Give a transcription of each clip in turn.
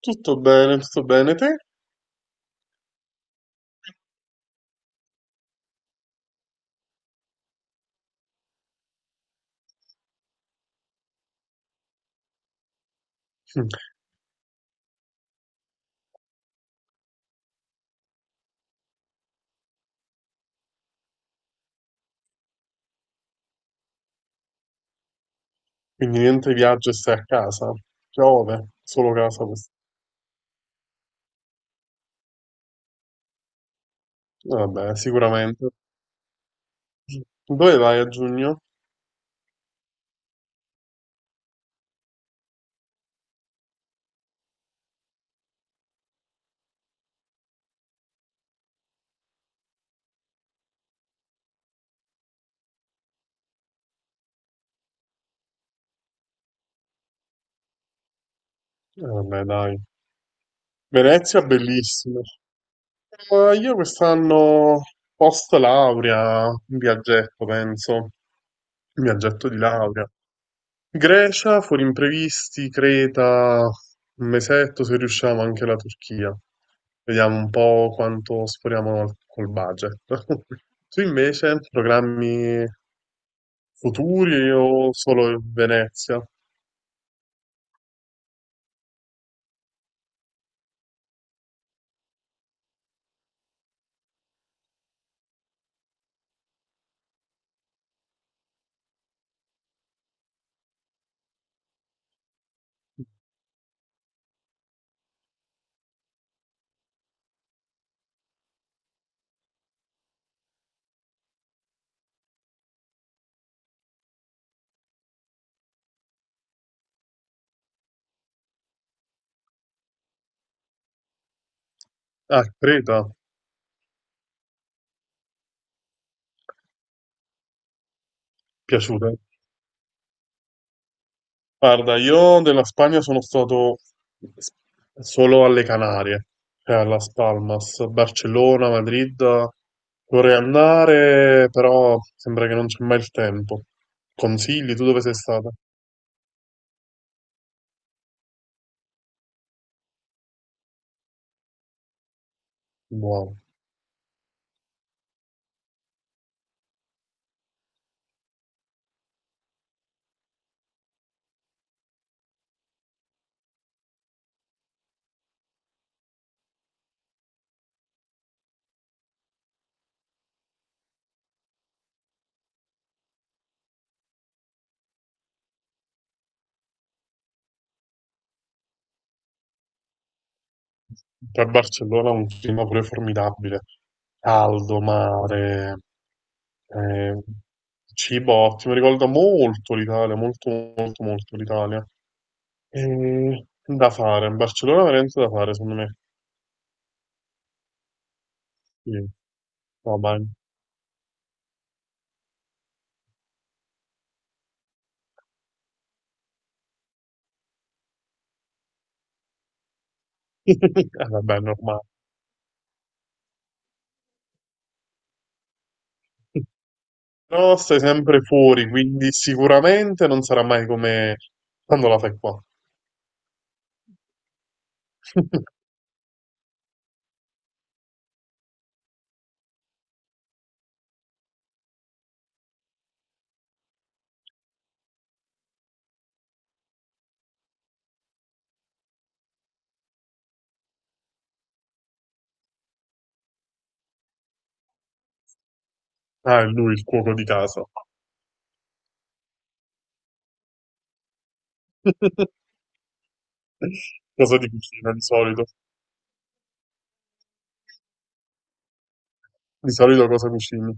Tutto bene te? Mm. Quindi niente viaggio e stai a casa. Piove, solo casa. Vabbè, sicuramente. Dove vai a giugno? Vabbè, dai. Venezia, bellissimo. Ma io quest'anno, post laurea, un viaggetto, penso. Un viaggetto di laurea. Grecia, fuori imprevisti, Creta, un mesetto se riusciamo anche la Turchia. Vediamo un po' quanto col budget. Tu invece, programmi futuri o solo Venezia? Ah, Creta, piaciuta. Guarda, io della Spagna sono stato s- solo alle Canarie, cioè a Las Palmas, Barcellona, Madrid. Vorrei andare, però sembra che non c'è mai il tempo. Consigli, tu dove sei stata? Wow. Per Barcellona ha un clima pure formidabile. Caldo, mare, eh, cibo ottimo. Ricorda molto l'Italia, molto, molto, molto l'Italia. E da fare, Barcellona è veramente da fare, secondo me. Sì. No, ma... Eh, vabbè, è normale. No, stai sempre fuori, quindi sicuramente non sarà mai come quando la fai qua. Ah, è lui il cuoco di casa. Cosa ti cucina di solito? Di solito cosa cucini?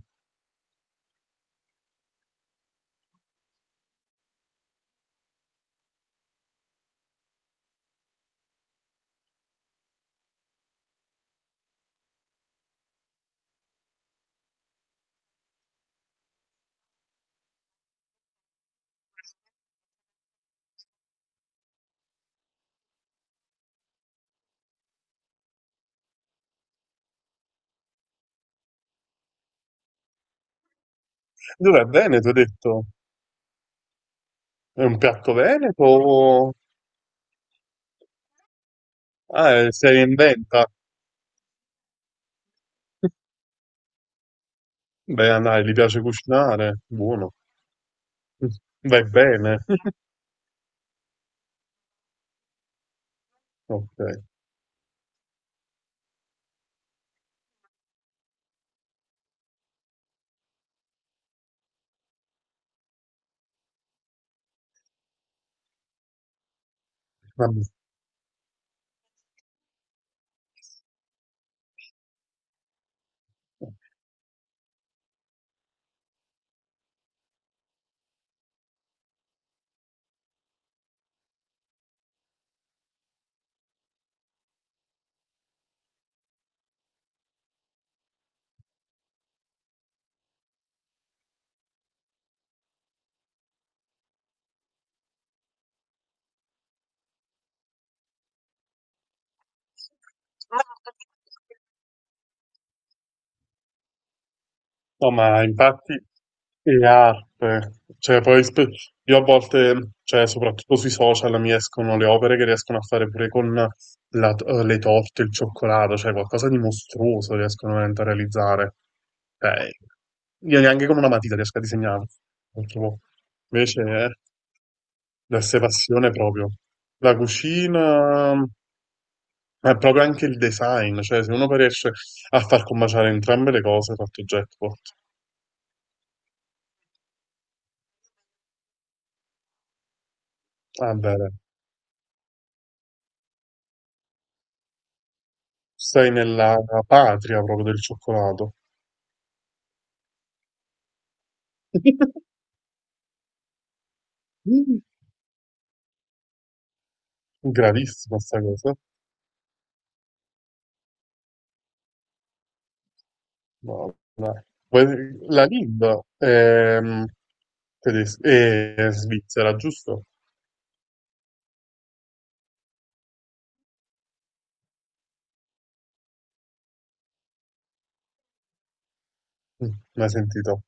Dov'è Veneto, hai detto? È un piatto veneto? Ah, sei in venta? Beh, dai, gli piace cucinare. Buono. Vai bene. Ok. Vabbè. No, ma infatti le arte, cioè poi spe- io a volte, cioè soprattutto sui social mi escono le opere che riescono a fare pure con le torte, il cioccolato, cioè qualcosa di mostruoso riescono veramente a realizzare. Cioè, io neanche con una matita riesco a disegnare, purtroppo. Invece è l'esse passione proprio. La cucina è proprio anche il design, cioè se uno poi riesce a far combaciare entrambe le cose, ha fatto jackpot. Vabbè, stai nella patria proprio del cioccolato. Mm. Gravissima sta cosa. No. Beh, la Lind è, è svizzera, giusto? Mm, l'hai sentito?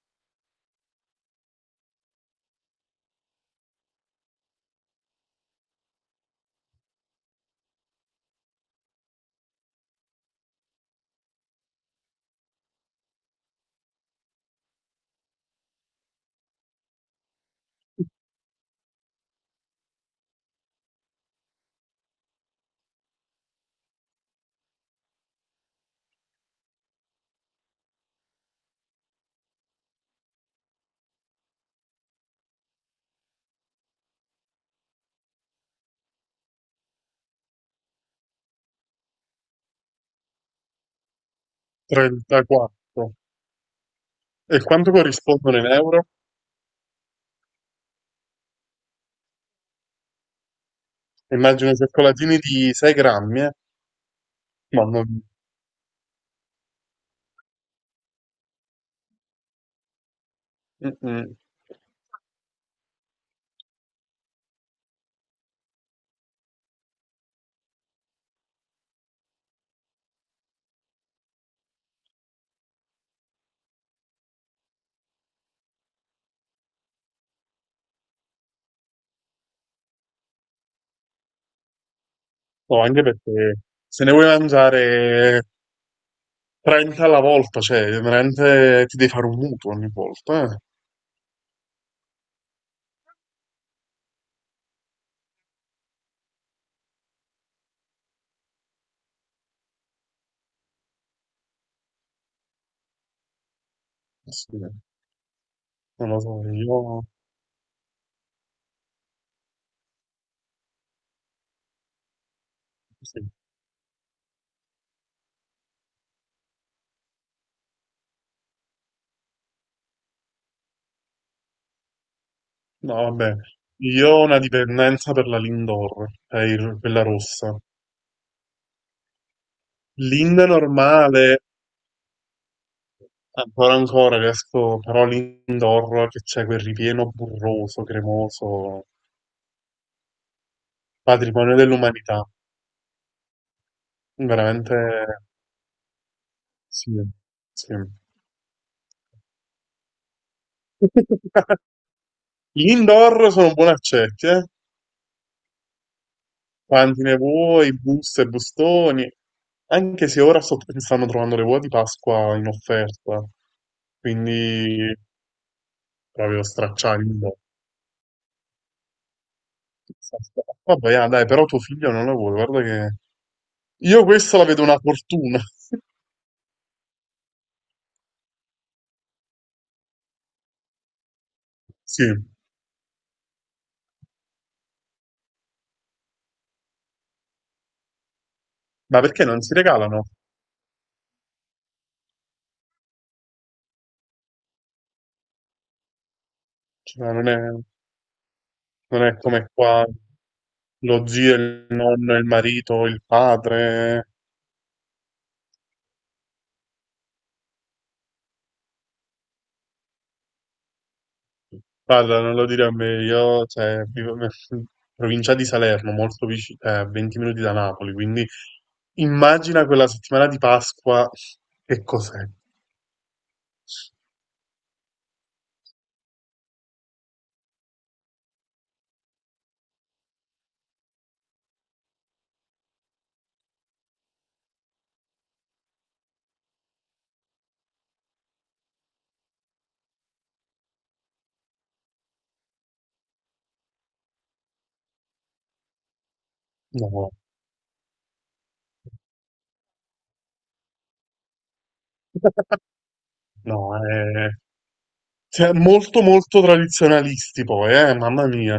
34. E quanto corrispondono in euro? Immagino cioccolatini di 6 grammi, eh? Ma non- mm, mm. No, anche perché se ne vuoi mangiare 30 alla volta, cioè, veramente ti devi fare un mutuo ogni volta, eh? Sì, non lo so, io... sì. No, vabbè, io ho una dipendenza per la Lindor, quella rossa. Linda normale, ancora riesco, però Lindor che c'è quel ripieno burroso, cremoso, patrimonio dell'umanità. Veramente sì, sì. L'Indoor sono buoni accetti, eh? Quanti ne vuoi, buste, bustoni. Anche se ora stanno trovando le uova di Pasqua in offerta, quindi proprio stracciare. Vabbè, ah, dai, però tuo figlio non la vuole, guarda che... Io questa la vedo una fortuna. Sì, ma perché non si regalano? Cioè, non è come qua lo zio, il nonno, il marito, il padre. Guarda, non lo dire a me, io cioè, vivo in provincia di Salerno, molto vicino, a 20 minuti da Napoli, quindi immagina quella settimana di Pasqua che cos'è. No, no, è Cioè, molto molto tradizionalisti poi, mamma mia.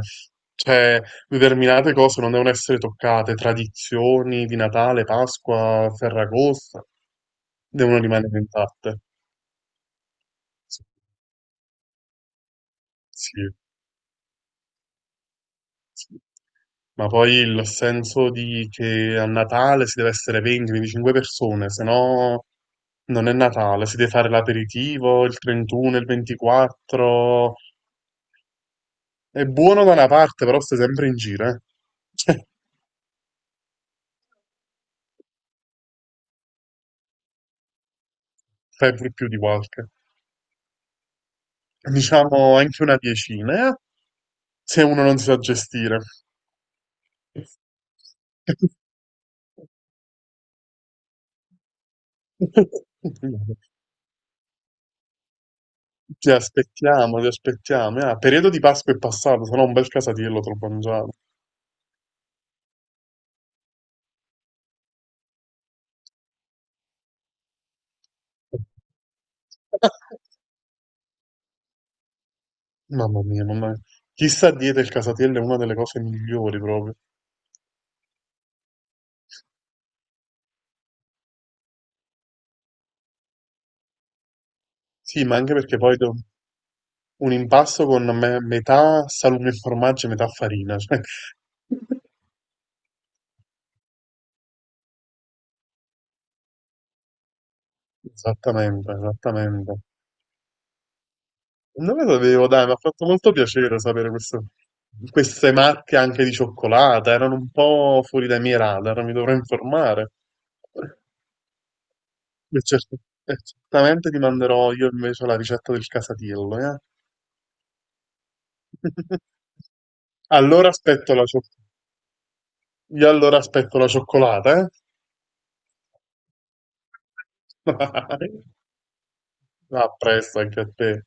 Cioè, determinate cose non devono essere toccate, tradizioni di Natale, Pasqua, Ferragosto, devono rimanere intatte. Sì, sì, sì. Ma poi il senso di che a Natale si deve essere 20-25 persone, se no non è Natale, si deve fare l'aperitivo, il 31, il 24. È buono da una parte, però stai sempre in giro, eh. Sempre più di qualche. Diciamo anche una diecina, se uno non si sa gestire. Ti aspettiamo, ti aspettiamo. Ah, periodo di Pasqua è passato, se no un bel casatiello te lo mangiavo. Mamma mia, mamma mia. Chissà dieta il casatiello è una delle cose migliori proprio. Sì, ma anche perché un impasto con metà salume e formaggio e metà farina. Cioè. Esattamente, esattamente. Non lo sapevo, dai, mi ha fatto molto piacere sapere queste marche anche di cioccolata, erano un po' fuori dai miei radar, mi dovrò informare. E cert- e certamente ti manderò io invece la ricetta del casatiello, eh? Allora io allora aspetto la cioccolata, eh? A presto anche a te.